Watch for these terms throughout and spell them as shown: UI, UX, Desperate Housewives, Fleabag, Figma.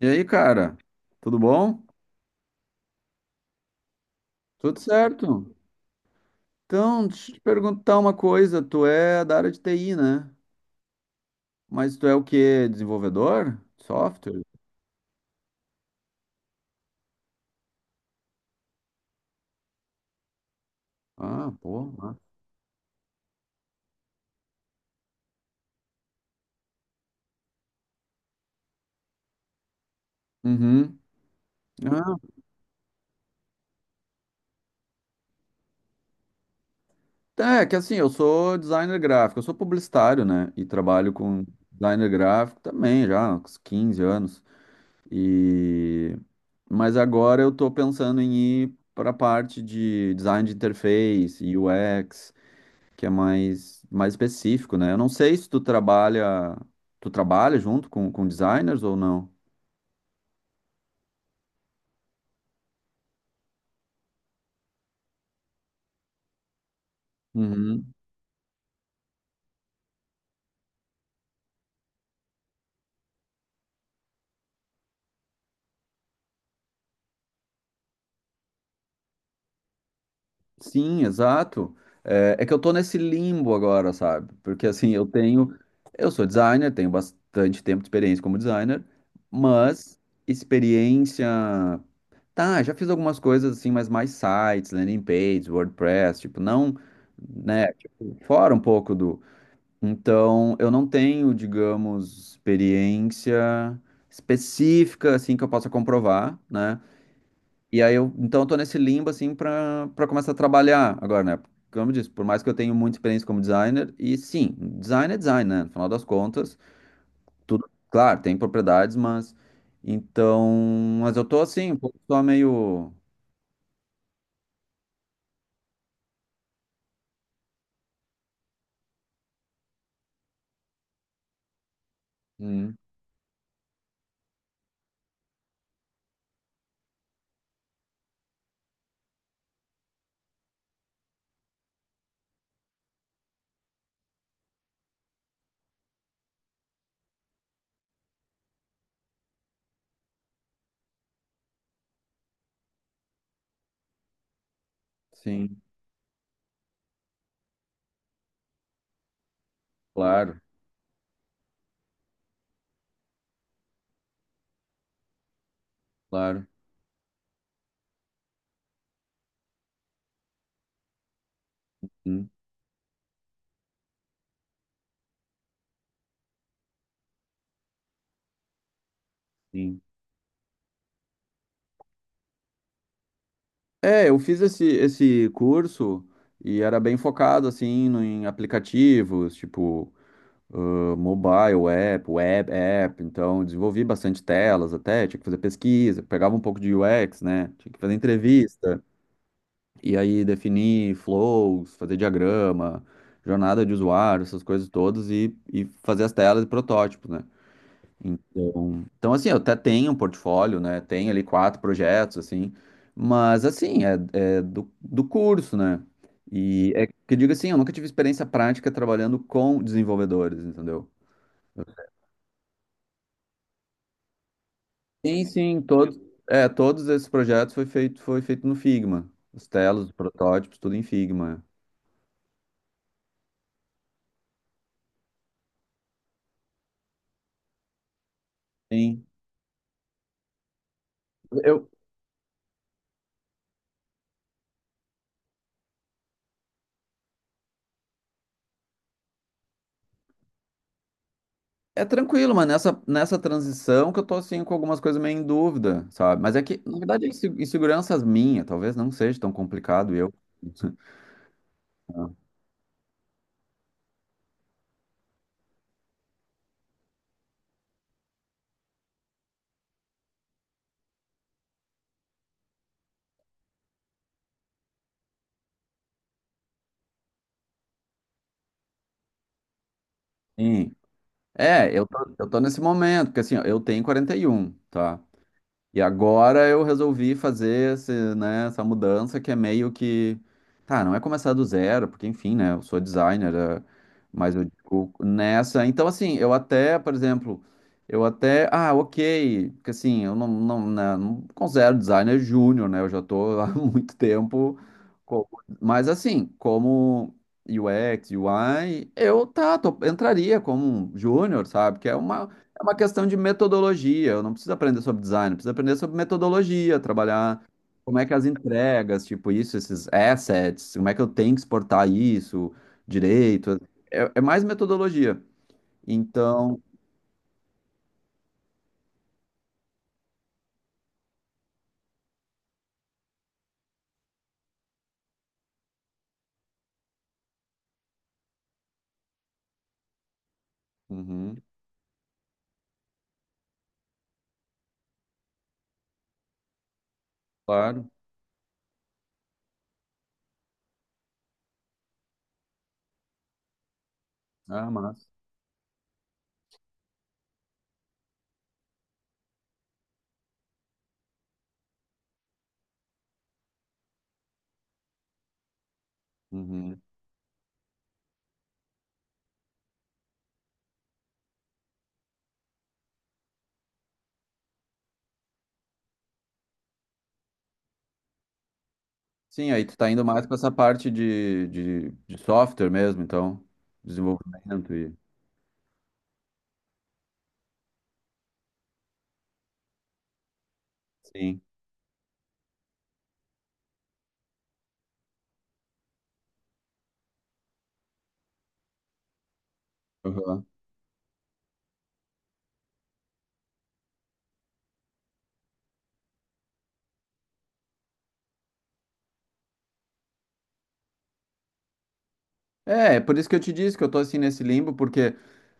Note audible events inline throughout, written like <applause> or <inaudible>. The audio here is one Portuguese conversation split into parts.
E aí, cara? Tudo bom? Tudo certo. Então, deixa eu te perguntar uma coisa. Tu é da área de TI, né? Mas tu é o quê? Desenvolvedor? Software? Ah, pô. Ah. Uhum. Ah, é que assim, eu sou publicitário, né? E trabalho com designer gráfico também já há uns 15 anos. E... Mas agora eu tô pensando em ir para a parte de design de interface, UX, que é mais específico, né? Eu não sei se tu trabalha, tu trabalha junto com designers ou não. Uhum. Sim, exato. É, é que eu tô nesse limbo agora, sabe? Porque assim, eu tenho, eu sou designer, tenho bastante tempo de experiência como designer, mas experiência, tá, já fiz algumas coisas assim, mas mais sites, landing pages, WordPress, tipo, não, né, tipo, fora um pouco do. Então, eu não tenho, digamos, experiência específica assim que eu possa comprovar, né? E aí eu, então eu tô nesse limbo assim para começar a trabalhar agora, né? Como eu disse, por mais que eu tenha muita experiência como designer, e sim, design é design, né? No final das contas, tudo, claro, tem propriedades, mas então, mas eu tô assim, um pouco só meio, hum, sim, claro, claro, hum, sim. É, eu fiz esse curso e era bem focado assim no, em aplicativos, tipo ah, mobile app, web app, então desenvolvi bastante telas até, tinha que fazer pesquisa, pegava um pouco de UX, né? Tinha que fazer entrevista e aí definir flows, fazer diagrama, jornada de usuário, essas coisas todas e fazer as telas e protótipos, né? Então, assim, eu até tenho um portfólio, né? Tenho ali 4 projetos, assim, mas assim, é, é do curso, né? E é que eu digo assim, eu nunca tive experiência prática trabalhando com desenvolvedores, entendeu? Sim, sim, todos, é, todos esses projetos foi feito no Figma. Os telos, os protótipos, tudo em Figma. Sim. Eu, é tranquilo, mas nessa, nessa transição que eu tô assim com algumas coisas meio em dúvida, sabe? Mas é que, na verdade, é inseguranças minhas, talvez não seja tão complicado eu. <laughs> Sim. É, eu tô nesse momento, porque assim, ó, eu tenho 41, tá? E agora eu resolvi fazer esse, né, essa mudança que é meio que. Tá, não é começar do zero, porque enfim, né? Eu sou designer, é, mas eu digo nessa. Então, assim, eu até, por exemplo, eu até. Ah, ok, porque assim, eu não considero designer júnior, né? Eu já tô <laughs> há muito tempo. Como... Mas assim, como UX, UI, entraria como um júnior, sabe? Que é uma questão de metodologia. Eu não preciso aprender sobre design, eu preciso aprender sobre metodologia, trabalhar como é que as entregas, tipo isso, esses assets, como é que eu tenho que exportar isso direito. É, é mais metodologia. Então, uhum, claro. Ah, massa. Uhum. Sim, aí tu tá indo mais para essa parte de software mesmo, então, desenvolvimento e. Sim. Uhum. É, é por isso que eu te disse que eu tô assim nesse limbo, porque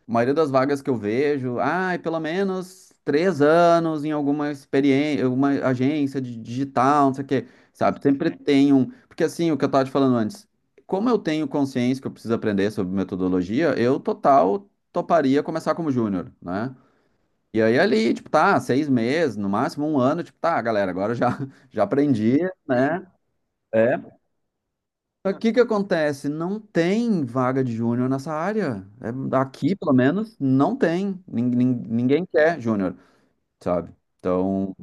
a maioria das vagas que eu vejo, ai, pelo menos 3 anos em alguma experiência, alguma agência de digital, não sei o quê, sabe? Sempre tem um. Porque assim, o que eu tava te falando antes, como eu tenho consciência que eu preciso aprender sobre metodologia, eu total toparia começar como júnior, né? E aí ali, tipo, tá, 6 meses, no máximo um ano, tipo, tá, galera, agora eu já, <laughs> já aprendi, né? É só que o que que acontece? Não tem vaga de júnior nessa área. É, aqui, pelo menos, não tem. Ninguém quer júnior, sabe? Então.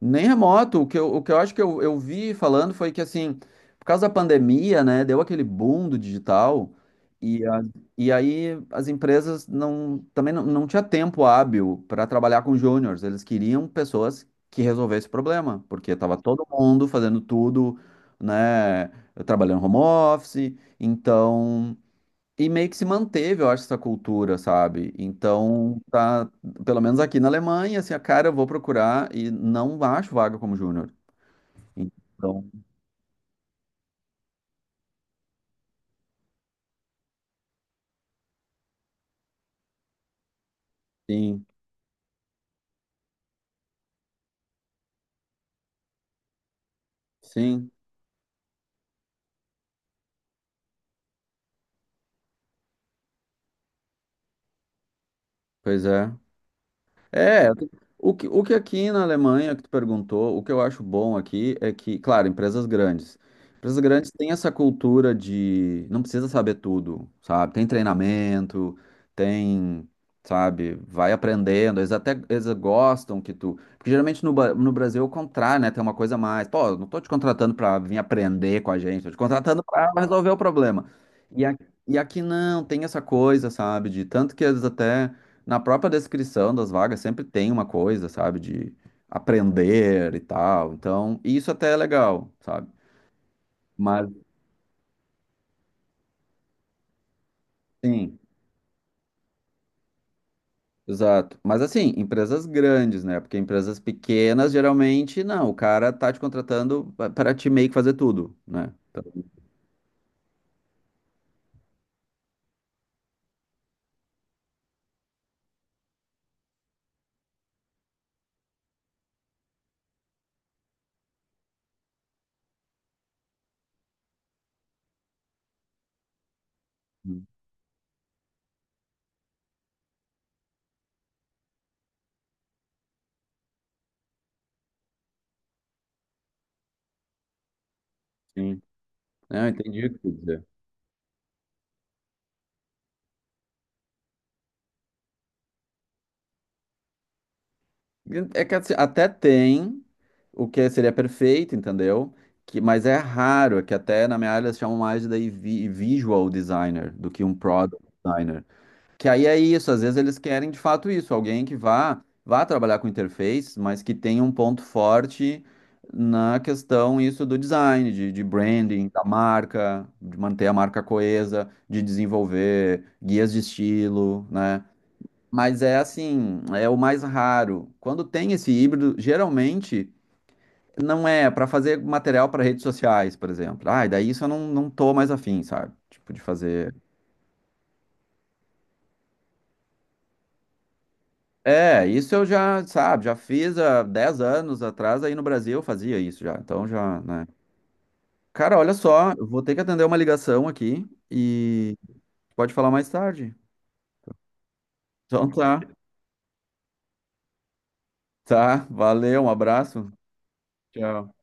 Nem remoto. O que eu acho que eu vi falando foi que, assim, por causa da pandemia, né, deu aquele boom do digital e, e aí as empresas não, também não, não tinha tempo hábil para trabalhar com júniors. Eles queriam pessoas que resolvessem o problema, porque estava todo mundo fazendo tudo, né, trabalhando home office. Então, e meio que se manteve, eu acho, essa cultura, sabe? Então, tá, pelo menos aqui na Alemanha, assim, a cara, eu vou procurar e não acho vaga como júnior. Então, sim, sim, pois é. É, o que aqui na Alemanha, que tu perguntou, o que eu acho bom aqui é que, claro, empresas grandes. Empresas grandes têm essa cultura de não precisa saber tudo, sabe? Tem treinamento, tem, sabe, vai aprendendo. Eles até eles gostam que tu. Porque geralmente no, no Brasil é o contrário, né? Tem uma coisa a mais. Pô, eu não tô te contratando pra vir aprender com a gente, tô te contratando pra resolver o problema. E, a, e aqui não, tem essa coisa, sabe? De tanto que eles até. Na própria descrição das vagas sempre tem uma coisa, sabe, de aprender e tal. Então, isso até é legal, sabe? Mas, sim, exato. Mas, assim, empresas grandes, né? Porque empresas pequenas, geralmente, não. O cara tá te contratando para te meio que fazer tudo, né? Então, sim. Não, entendi o que tu quis dizer. É que assim, até tem o que seria perfeito, entendeu? Que, mas é raro, é que até na minha área eles chamam mais de daí visual designer do que um product designer. Que aí é isso, às vezes eles querem de fato isso, alguém que vá trabalhar com interface, mas que tenha um ponto forte na questão isso do design, de branding, da marca, de manter a marca coesa, de desenvolver guias de estilo, né? Mas é assim, é o mais raro. Quando tem esse híbrido, geralmente não é para fazer material para redes sociais, por exemplo. Ah, e daí isso eu não tô mais afim, sabe? Tipo, de fazer. É, isso eu já, sabe, já fiz há 10 anos atrás, aí no Brasil eu fazia isso já. Então já, né? Cara, olha só, eu vou ter que atender uma ligação aqui e pode falar mais tarde. Então tá, tá, valeu, um abraço. Tchau.